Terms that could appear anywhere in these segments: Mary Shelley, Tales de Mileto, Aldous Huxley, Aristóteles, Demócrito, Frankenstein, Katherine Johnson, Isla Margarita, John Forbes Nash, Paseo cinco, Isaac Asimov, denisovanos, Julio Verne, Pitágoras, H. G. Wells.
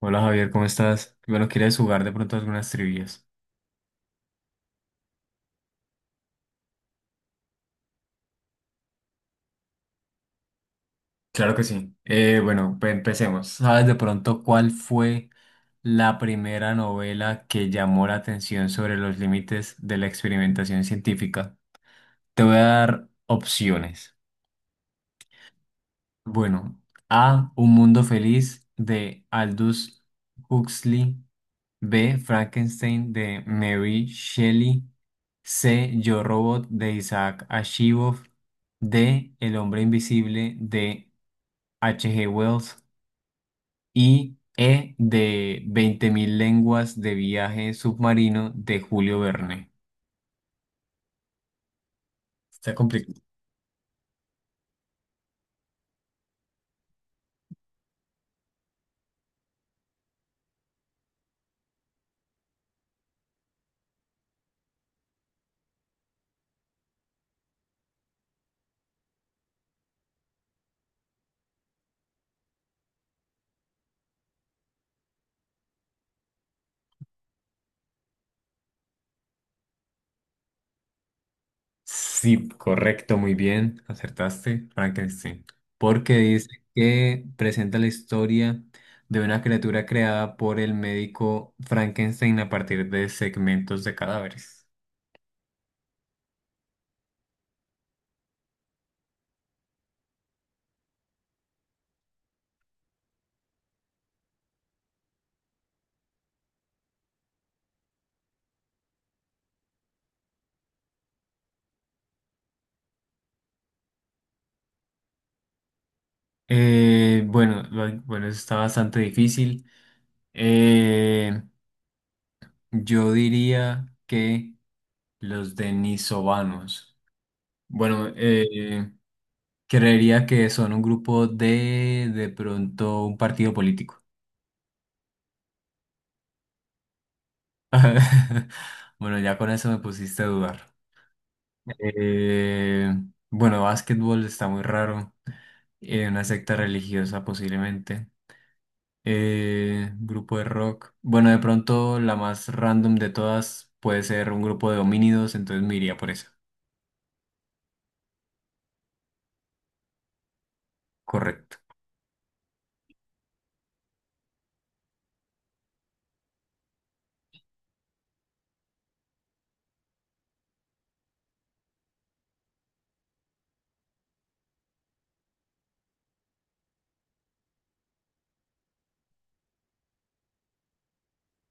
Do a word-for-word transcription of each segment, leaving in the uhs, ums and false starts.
Hola Javier, ¿cómo estás? Bueno, ¿quieres jugar de pronto algunas trivias? Claro que sí. Eh, bueno, pe- empecemos. ¿Sabes de pronto cuál fue la primera novela que llamó la atención sobre los límites de la experimentación científica? Te voy a dar opciones. Bueno, A, Un mundo feliz de Aldous Huxley. B. Frankenstein de Mary Shelley. C. Yo Robot de Isaac Asimov. D. El hombre invisible de H. G. Wells. Y E. De veinte mil lenguas de viaje submarino de Julio Verne. Está complicado. Sí, correcto, muy bien, acertaste, Frankenstein. Porque dice que presenta la historia de una criatura creada por el médico Frankenstein a partir de segmentos de cadáveres. Eh, bueno, lo- bueno, eso está bastante difícil. Eh, yo diría que los denisovanos. Bueno, eh, creería que son un grupo de, de pronto, un partido político. Bueno, ya con eso me pusiste a dudar. Eh, bueno, básquetbol está muy raro. Eh, una secta religiosa posiblemente. Eh, grupo de rock. Bueno, de pronto la más random de todas puede ser un grupo de homínidos, entonces me iría por eso. Correcto.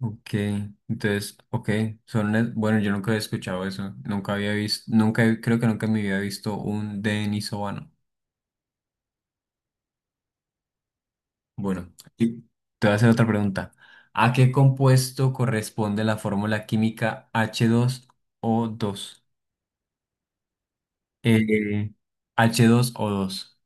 Ok, entonces, ok, son, net- bueno, yo nunca había escuchado eso, nunca había visto, nunca, he- creo que nunca en mi vida he visto un denisovano. Bueno, y te voy a hacer otra pregunta. ¿A qué compuesto corresponde la fórmula química h dos o dos? Eh, h dos o dos.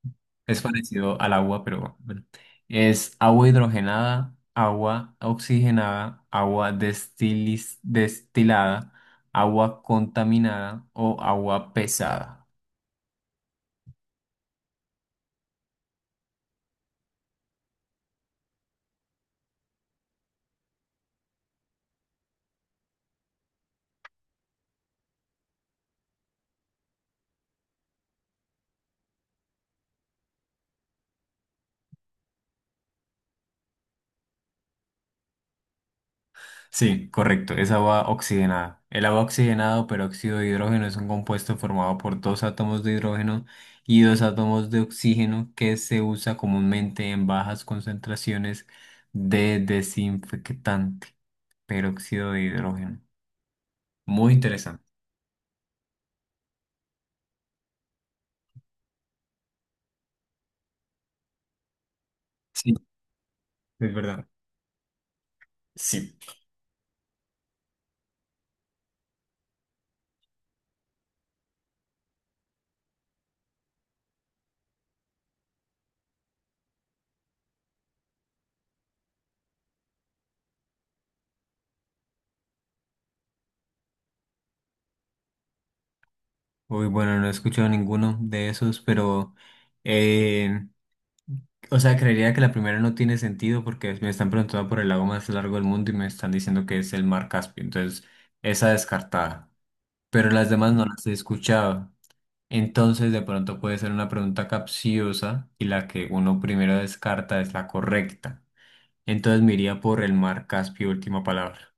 Es parecido al agua, pero bueno. Es agua hidrogenada, agua oxigenada, agua destilis- destilada, agua contaminada o agua pesada. Sí, correcto, es agua oxigenada. El agua oxigenada o peróxido de hidrógeno es un compuesto formado por dos átomos de hidrógeno y dos átomos de oxígeno que se usa comúnmente en bajas concentraciones de desinfectante, peróxido de hidrógeno. Muy interesante. Sí, es verdad. Sí. Uy, bueno, no he escuchado ninguno de esos, pero eh, o sea, creería que la primera no tiene sentido porque me están preguntando por el lago más largo del mundo y me están diciendo que es el mar Caspio. Entonces, esa descartada. Pero las demás no las he escuchado. Entonces, de pronto puede ser una pregunta capciosa y la que uno primero descarta es la correcta. Entonces, me iría por el mar Caspio, última palabra.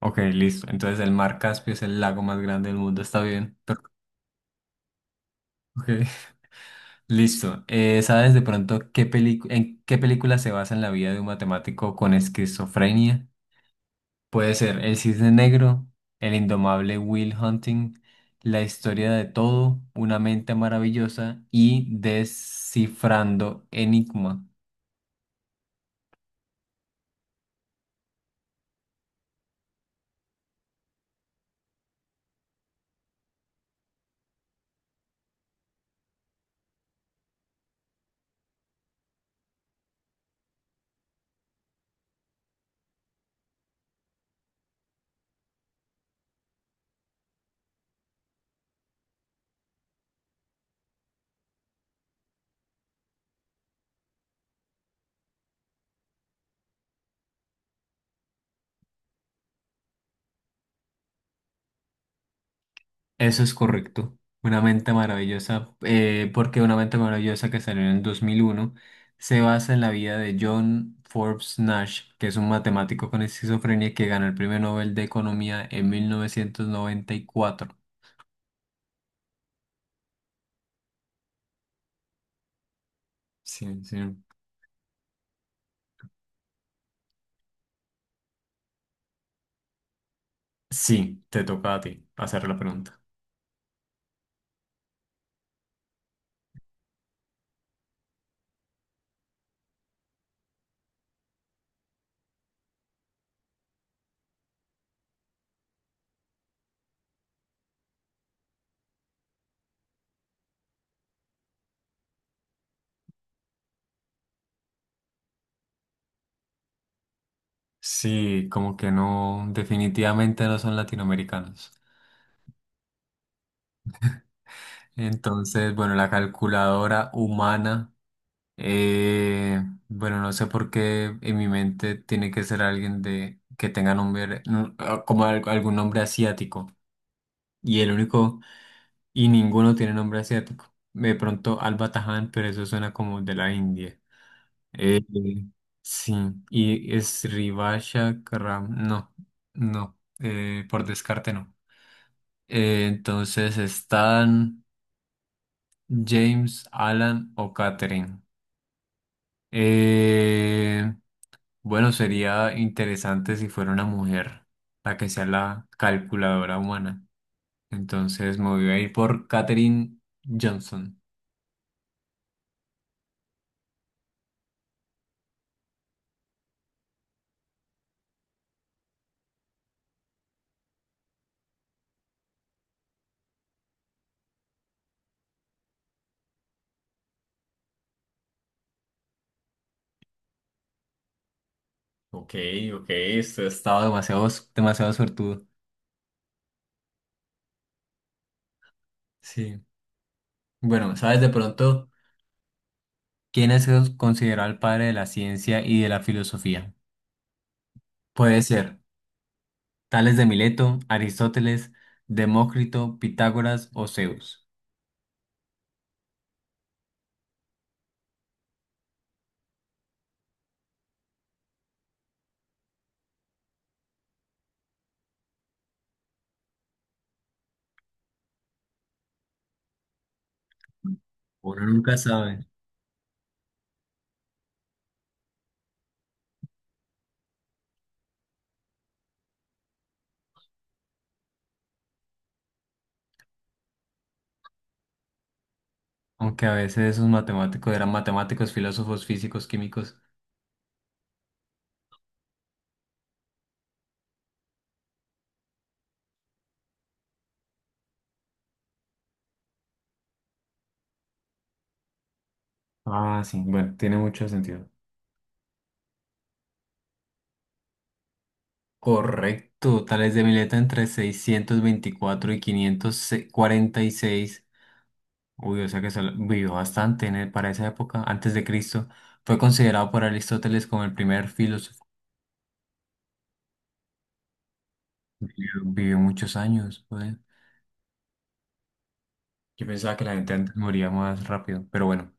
Ok, listo. Entonces, el mar Caspio es el lago más grande del mundo. Está bien. Pero, ok. Listo. Eh, ¿sabes de pronto qué pelicu- en qué película se basa en la vida de un matemático con esquizofrenia? Puede ser El Cisne Negro, El Indomable Will Hunting, La Historia de Todo, Una Mente Maravillosa y Descifrando Enigma. Eso es correcto. Una mente maravillosa, eh, porque una mente maravillosa que salió en el dos mil uno se basa en la vida de John Forbes Nash, que es un matemático con esquizofrenia que ganó el Premio Nobel de Economía en mil novecientos noventa y cuatro. Sí, sí. Sí, te toca a ti hacer la pregunta. Sí, como que no, definitivamente no son latinoamericanos. Entonces, bueno, la calculadora humana. Eh, bueno, no sé por qué en mi mente tiene que ser alguien de que tenga nombre mm, ah, como al- algún nombre asiático. Y el único, y ninguno tiene nombre asiático. De pronto Alba Taján, pero eso suena como de la India. Eh, sí, y es Rivasha Karam. No, no, eh, por descarte no. Eh, entonces están James, Alan o Catherine. Bueno, sería interesante si fuera una mujer, la que sea la calculadora humana. Entonces me voy a ir por Katherine Johnson. Ok, ok, esto estaba demasiado, demasiado suertudo. Sí. Bueno, ¿sabes de pronto quién es considerado el padre de la ciencia y de la filosofía? Puede ser Tales de Mileto, Aristóteles, Demócrito, Pitágoras o Zeus. Uno nunca sabe. Aunque a veces esos matemáticos eran matemáticos, filósofos, físicos, químicos. Ah, sí, bueno, tiene mucho sentido. Correcto, Tales de Mileto entre seiscientos veinticuatro y quinientos cuarenta y seis. Uy, o sea que solo- vivió bastante en el- para esa época, antes de Cristo. Fue considerado por Aristóteles como el primer filósofo. Vivió, vivió muchos años, joder. Yo pensaba que la gente antes moría más rápido, pero bueno.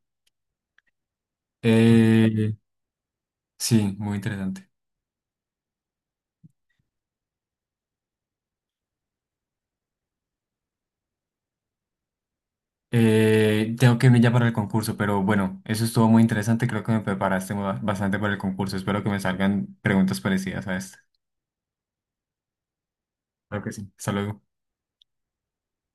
Eh, sí, muy interesante. Eh, tengo que irme ya para el concurso, pero bueno, eso estuvo muy interesante. Creo que me preparaste ba- bastante para el concurso. Espero que me salgan preguntas parecidas a esta. Claro que sí. Hasta luego.